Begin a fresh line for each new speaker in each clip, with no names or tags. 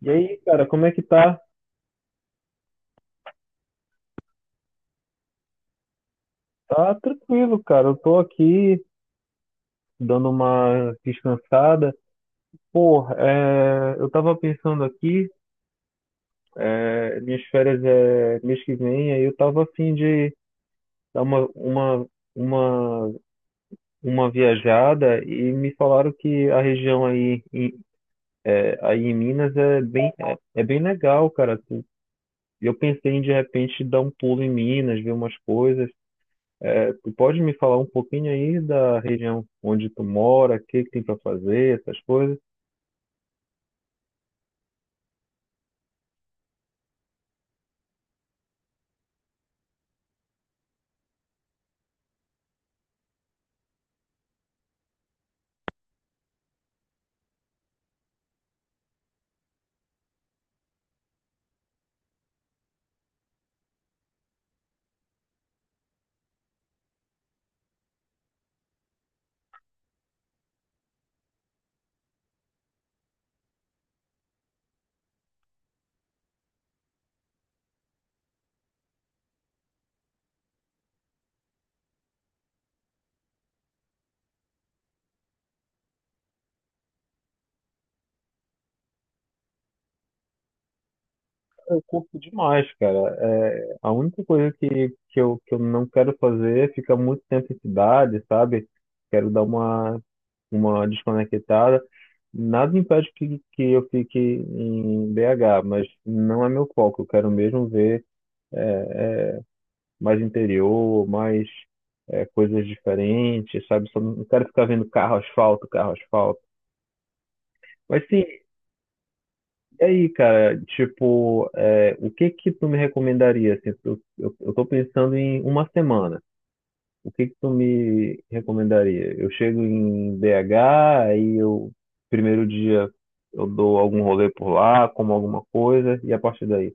E aí, cara, como é que tá? Tá tranquilo, cara. Eu tô aqui dando uma descansada. Eu tava pensando aqui, minhas férias é mês que vem, aí eu tava afim de dar uma, uma viajada e me falaram que a região aí em Minas é é bem legal, cara. Eu pensei em de repente dar um pulo em Minas, ver umas coisas. É, tu pode me falar um pouquinho aí da região onde tu mora, o que que tem para fazer, essas coisas? Eu curto demais, cara. A única coisa que eu não quero fazer é ficar muito tempo em cidade, sabe? Quero dar uma desconectada. Nada impede que eu fique em BH, mas não é meu foco. Eu quero mesmo ver mais interior, mais coisas diferentes, sabe? Só não quero ficar vendo carro, asfalto, carro, asfalto. Mas sim. E aí, cara, o que que tu me recomendaria? Assim, eu tô pensando em uma semana. O que que tu me recomendaria? Eu chego em BH, aí eu, primeiro dia, eu dou algum rolê por lá, como alguma coisa, e a partir daí?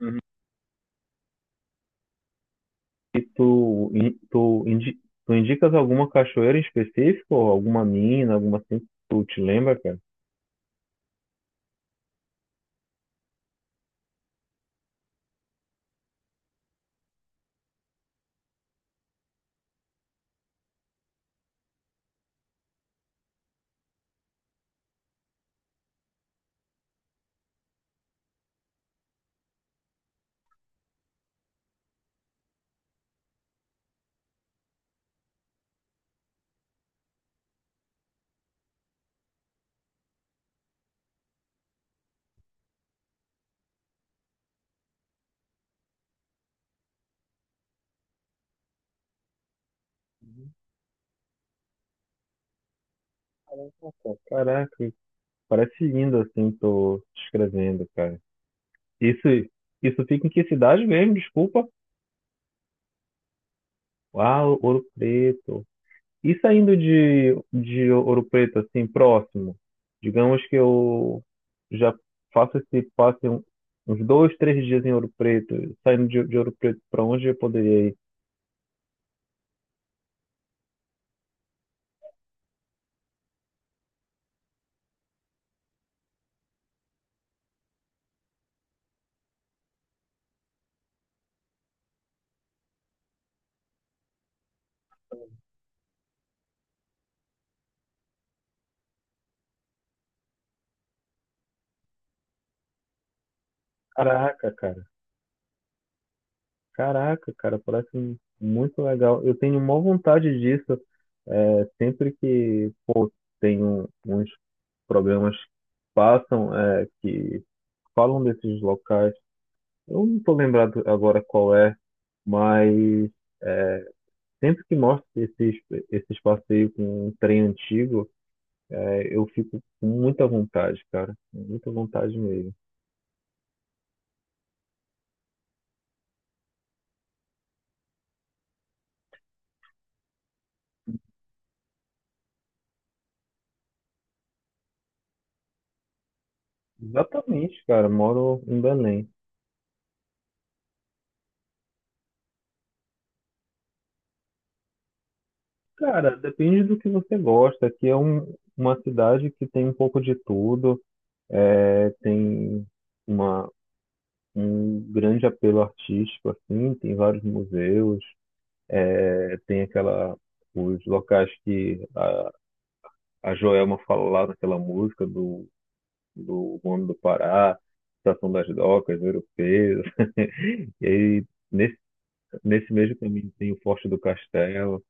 Uhum. E tu indicas alguma cachoeira em específico, ou alguma mina, alguma assim, que tu te lembra, cara? Caraca, parece lindo assim, tô te escrevendo, cara. Isso, isso fica em que cidade mesmo? Desculpa. Ah, Ouro Preto. E saindo de Ouro Preto, assim, próximo, digamos que eu já faço uns dois, três dias em Ouro Preto, saindo de Ouro Preto, para onde eu poderia ir? Caraca, cara. Caraca, cara, parece muito legal. Eu tenho maior vontade disso. É, sempre que, pô, Tenho uns programas que passam, que falam desses locais. Eu não estou lembrado agora qual é, mas sempre que mostra esses passeios com um trem antigo, eu fico com muita vontade, cara. Muita vontade mesmo. Exatamente, cara. Moro em Belém. Cara, depende do que você gosta. Aqui é uma cidade que tem um pouco de tudo. Tem uma, um grande apelo artístico, assim. Tem vários museus. Tem os locais que a Joelma fala lá naquela música do Homem do Pará, Estação das Docas, europeia. E aí, nesse, nesse mesmo caminho tem o Forte do Castelo.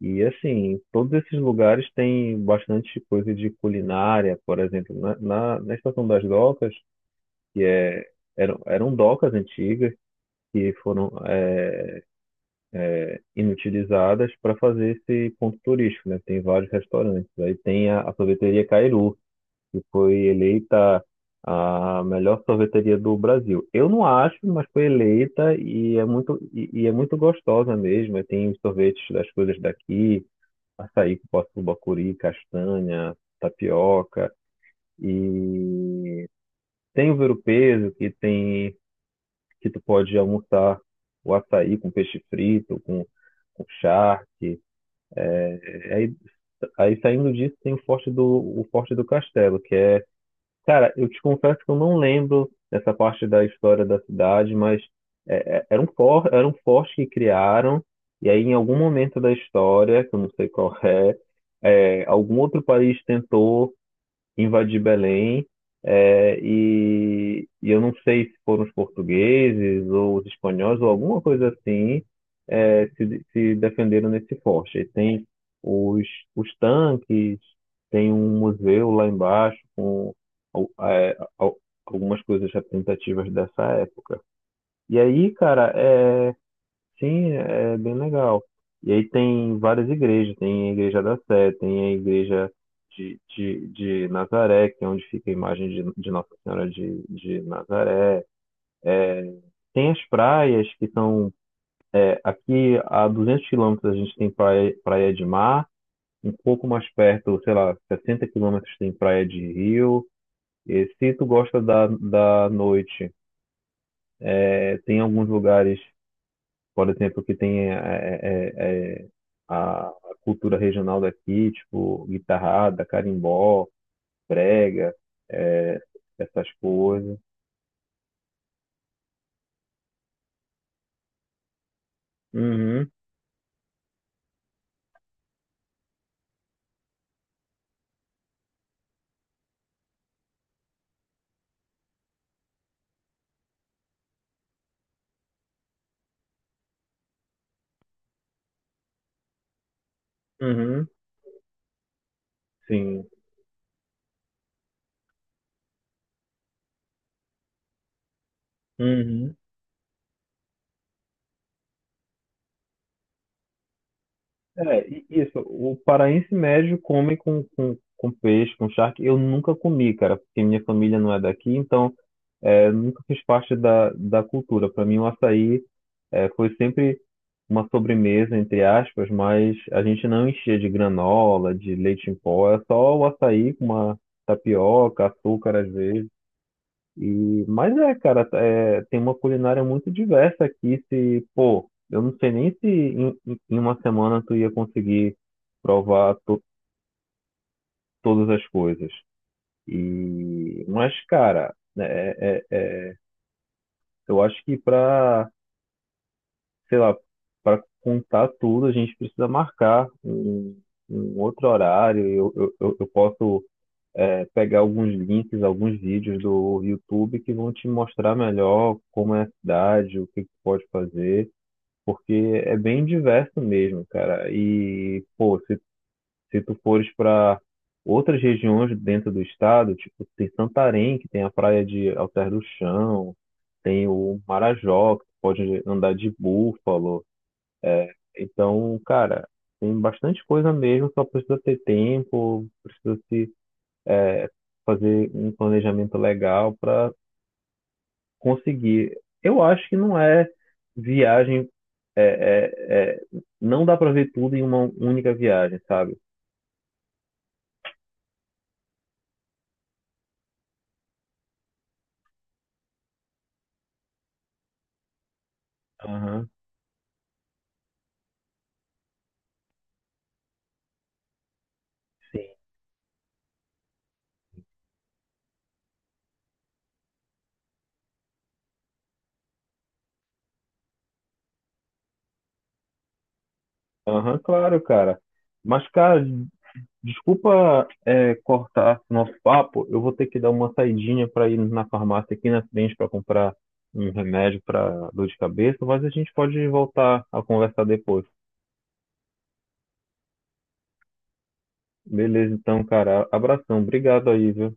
E assim, todos esses lugares têm bastante coisa de culinária, por exemplo, na Estação das Docas, que eram docas antigas que foram inutilizadas para fazer esse ponto turístico, né? Tem vários restaurantes. Aí tem a sorveteria Cairu, que foi eleita a melhor sorveteria do Brasil. Eu não acho, mas foi eleita e é e é muito gostosa mesmo. E tem os sorvetes das coisas daqui, açaí, cupuaçu, curi, castanha, tapioca. E tem o verupeso, que tu pode almoçar o açaí com peixe frito, com charque. É, Aí, aí saindo disso tem o Forte do Castelo, que é. Cara, eu te confesso que eu não lembro dessa parte da história da cidade, mas era um forte que criaram, e aí em algum momento da história, que eu não sei qual é, algum outro país tentou invadir Belém, e eu não sei se foram os portugueses ou os espanhóis ou alguma coisa assim, se defenderam nesse forte. Aí tem os, os tanques, tem um museu lá embaixo com al- é, al- algumas coisas representativas dessa época. E aí, cara. Sim, é bem legal. E aí tem várias igrejas, tem a igreja da Sé, tem a igreja de Nazaré, que é onde fica a imagem de Nossa Senhora de Nazaré. Tem as praias, que são aqui a 200 quilômetros a gente tem praia, praia de mar, um pouco mais perto, sei lá, 60 quilômetros tem praia de rio. E se tu gosta da noite, tem alguns lugares por exemplo, que tem a cultura regional daqui, tipo guitarrada, carimbó, brega, é, essas coisas. Uhum, uhum, sim. Uhum. É, e isso, o paraense médio come com peixe, com charque. Eu nunca comi, cara, porque minha família não é daqui, então nunca fiz parte da cultura. Para mim, o açaí, foi sempre uma sobremesa, entre aspas, mas a gente não enchia de granola, de leite em pó, é só o açaí com uma tapioca, açúcar às vezes. Tem uma culinária muito diversa aqui. Se, pô, Eu não sei nem se em uma semana tu ia conseguir provar to- todas as coisas. E, mas, cara, é, é- é, Eu acho que para, sei lá, para contar tudo, a gente precisa marcar um outro horário. Eu eu posso pegar alguns links, alguns vídeos do YouTube que vão te mostrar melhor como é a cidade, o que que pode fazer, porque é bem diverso mesmo, cara. E, pô, Se tu fores para outras regiões dentro do estado, tipo, tem Santarém, que tem a praia de Alter do Chão, tem o Marajó, que tu pode andar de búfalo. Então, cara, tem bastante coisa mesmo, só precisa ter tempo, precisa se fazer um planejamento legal para conseguir. Eu acho que não é viagem, é, é, é, não dá para ver tudo em uma única viagem, sabe? Aham, sim. Aham, claro, cara. Mas, cara, desculpa, cortar nosso papo. Eu vou ter que dar uma saidinha para ir na farmácia aqui na frente para comprar um remédio para dor de cabeça, mas a gente pode voltar a conversar depois. Beleza, então, cara. Abração. Obrigado aí, viu?